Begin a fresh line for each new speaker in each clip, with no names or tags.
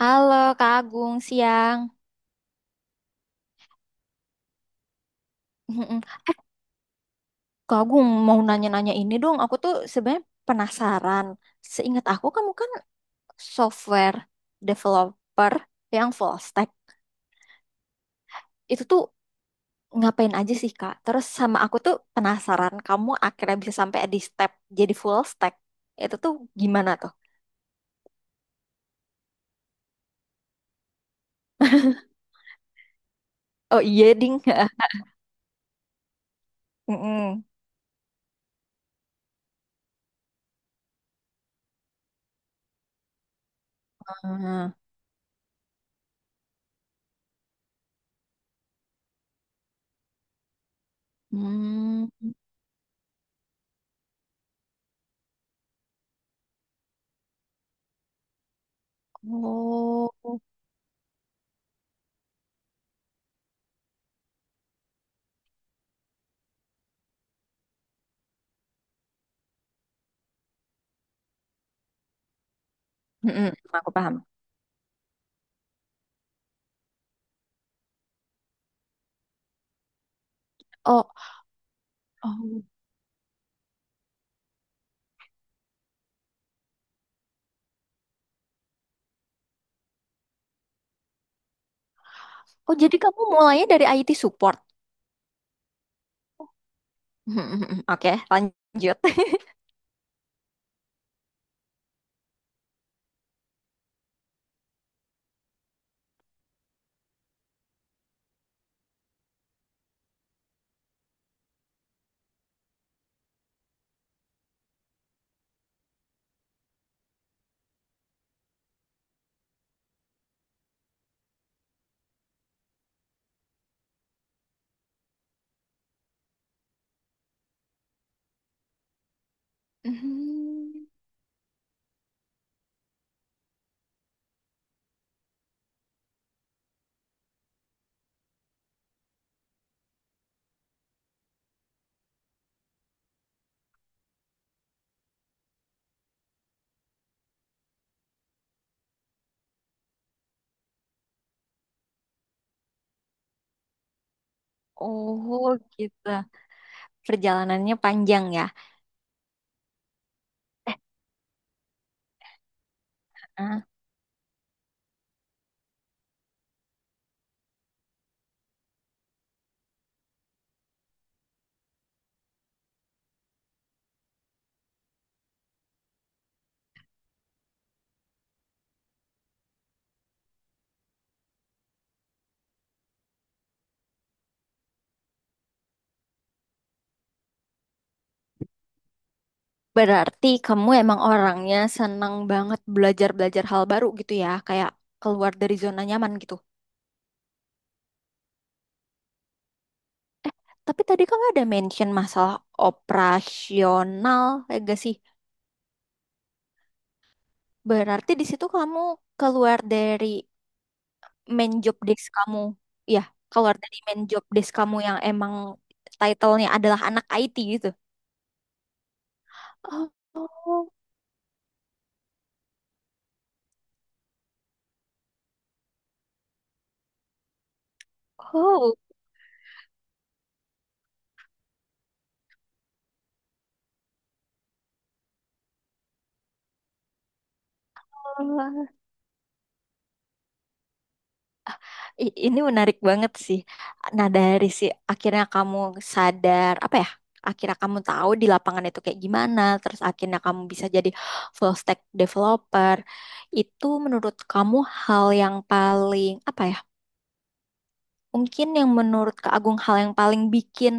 Halo Kak Agung, siang. Mm-mm. Eh, Kak Agung mau nanya-nanya ini dong. Aku tuh sebenarnya penasaran. Seingat aku kamu kan software developer yang full stack. Itu tuh ngapain aja sih Kak? Terus sama aku tuh penasaran kamu akhirnya bisa sampai di step jadi full stack. Itu tuh gimana tuh? Oh iya ding. Mm-mm. Ah. Hmm. Oh. Mm-mm. Aku paham. Oh. Oh. Oh, jadi kamu mulainya dari IT support. Oke, lanjut. Hmm. Oh, gitu. Perjalanannya panjang ya. Ah. Berarti kamu emang orangnya senang banget belajar-belajar hal baru gitu ya, kayak keluar dari zona nyaman gitu. Tapi tadi kamu ada mention masalah operasional, ya gak sih? Berarti di situ kamu keluar dari main job desk kamu, ya, keluar dari main job desk kamu yang emang title-nya adalah anak IT gitu. Oh, oh, oh. Ini menarik banget sih. Nah, dari si akhirnya kamu sadar apa ya? Akhirnya kamu tahu di lapangan itu kayak gimana, terus akhirnya kamu bisa jadi full stack developer. Itu menurut kamu hal yang paling apa ya? Mungkin yang menurut Kak Agung hal yang paling bikin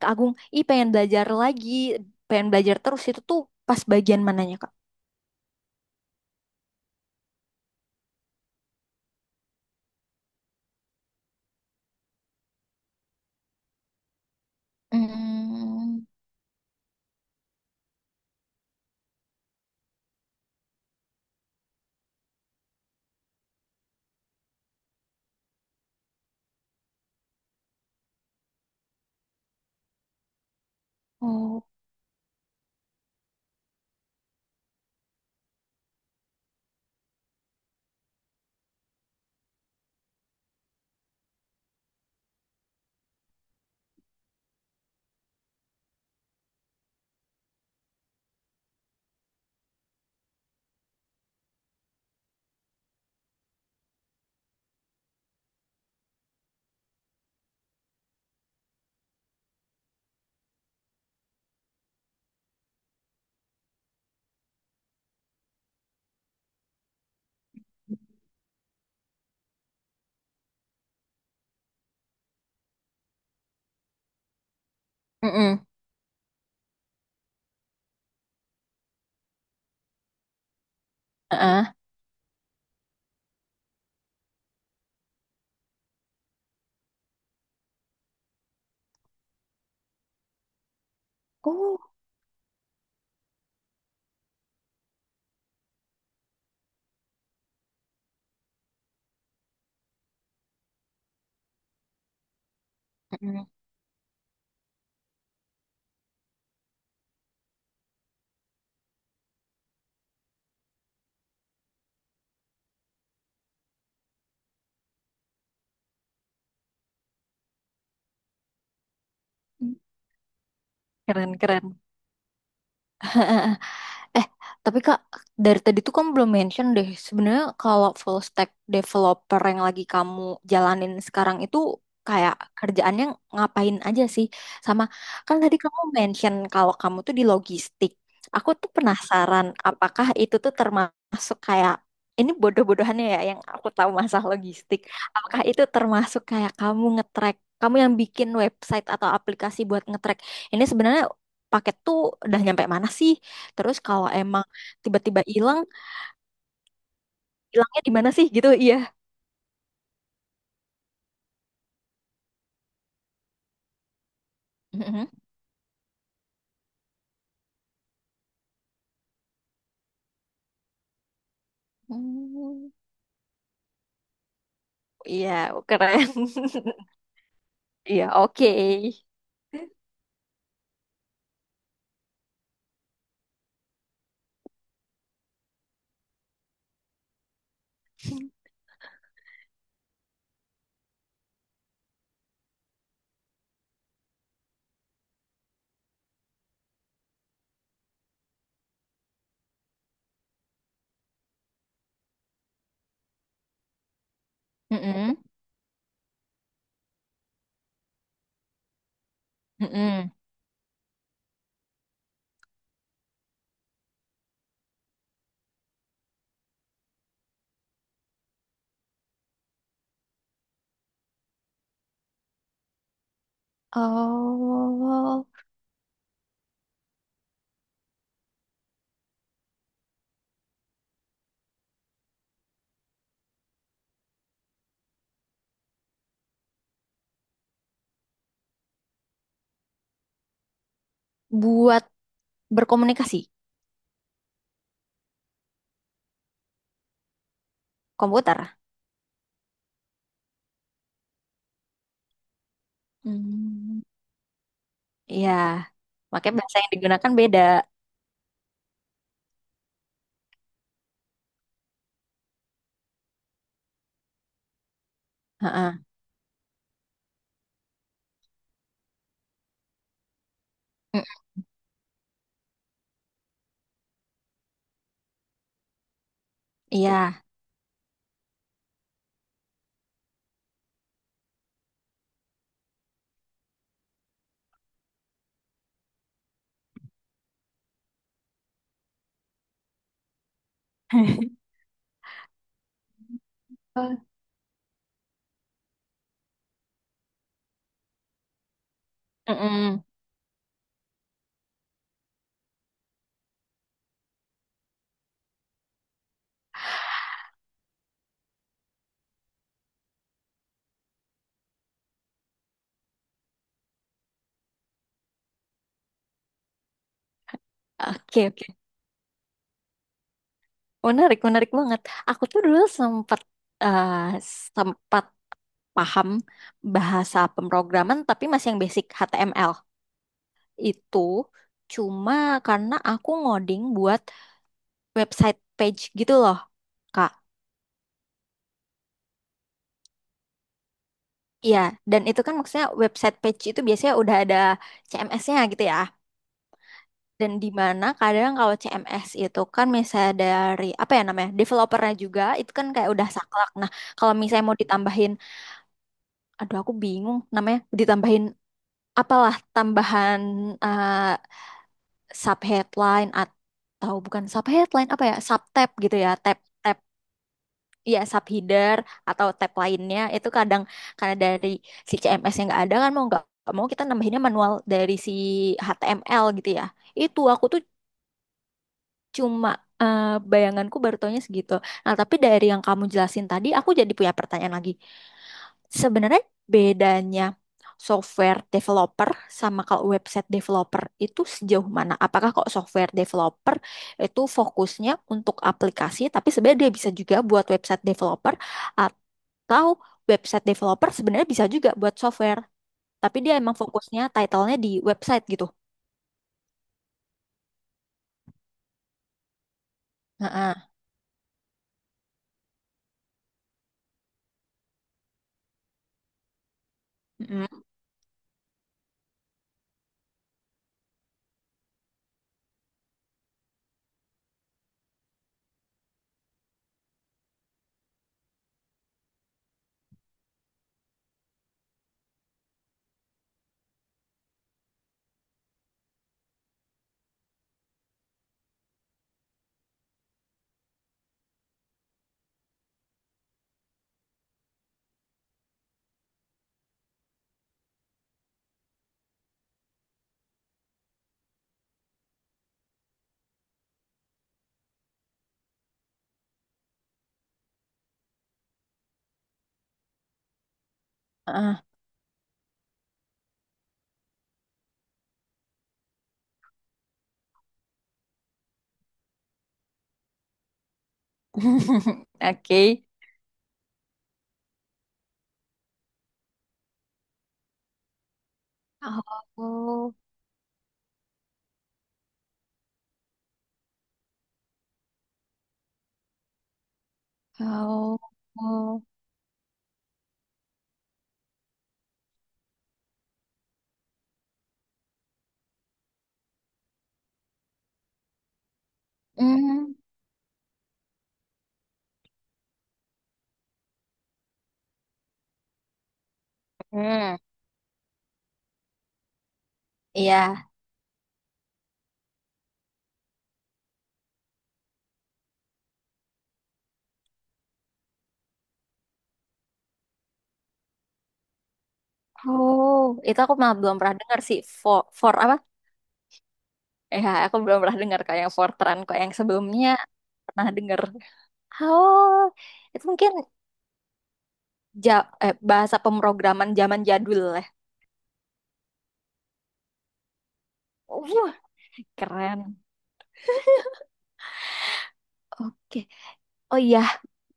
Kak Agung, ih pengen belajar lagi, pengen belajar terus itu tuh pas bagian mananya Kak? Hmm. Oh. Mm-mm. Heeh. Oh. Mm. Keren, keren. Eh, tapi Kak, dari tadi tuh kamu belum mention deh. Sebenarnya kalau full stack developer yang lagi kamu jalanin sekarang itu kayak kerjaannya ngapain aja sih? Sama kan tadi kamu mention kalau kamu tuh di logistik. Aku tuh penasaran apakah itu tuh termasuk kayak ini bodoh-bodohannya ya yang aku tahu masalah logistik. Apakah itu termasuk kayak kamu ngetrack, kamu yang bikin website atau aplikasi buat ngetrack. Ini sebenarnya paket tuh udah nyampe mana sih? Terus kalau emang tiba-tiba hilang, hilangnya di mana sih gitu? Iya. Mhm. Hmm. Iya, keren. Iya, oke. Mm-mm. Oh, buat berkomunikasi komputer. Hmm. Iya, makanya bahasa yang digunakan beda. Heeh. Mm. Iya. Oh. Mm-mm. Oke, oke. Menarik, menarik banget. Aku tuh dulu sempat eh, sempat paham bahasa pemrograman tapi masih yang basic HTML itu cuma karena aku ngoding buat website page gitu loh Kak. Iya, dan itu kan maksudnya website page itu biasanya udah ada CMS-nya gitu ya. Dan di mana kadang kalau CMS itu kan misalnya dari apa ya namanya developernya juga itu kan kayak udah saklek. Nah kalau misalnya mau ditambahin, aduh aku bingung namanya ditambahin apalah tambahan eh, sub headline atau bukan sub headline apa ya sub tab gitu ya tab tab ya sub header atau tab lainnya itu kadang karena dari si CMS yang nggak ada kan mau nggak mau kita nambahinnya manual dari si HTML gitu ya itu aku tuh cuma eh, bayanganku baru taunya segitu. Nah, tapi dari yang kamu jelasin tadi, aku jadi punya pertanyaan lagi. Sebenarnya bedanya software developer sama kalau website developer itu sejauh mana? Apakah kalau software developer itu fokusnya untuk aplikasi, tapi sebenarnya dia bisa juga buat website developer atau website developer sebenarnya bisa juga buat software, tapi dia emang fokusnya title-nya di website gitu. Heeh. Mm-mm. Heeh. Oke. Oh, oh, oh. Hmm. Hmm. Iya. Oh, itu aku malah belum pernah dengar sih. For, for apa? Ya, aku belum pernah dengar kayak yang Fortran kok yang sebelumnya pernah dengar. Oh, itu mungkin bahasa pemrograman zaman jadul lah. Wuh, keren. Oke. Oh iya,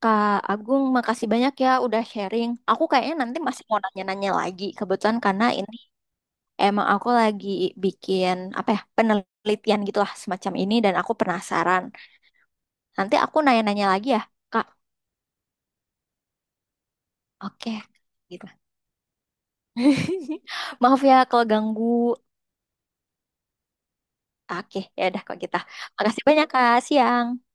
Kak Agung, makasih banyak ya udah sharing. Aku kayaknya nanti masih mau nanya-nanya lagi kebetulan karena emang aku lagi bikin apa ya penelitian gitulah semacam ini dan aku penasaran. Nanti aku nanya-nanya lagi ya, Kak. Oke, gitu. Maaf ya kalau ganggu. Oke, ya udah kok kita. Makasih banyak Kak. Siang.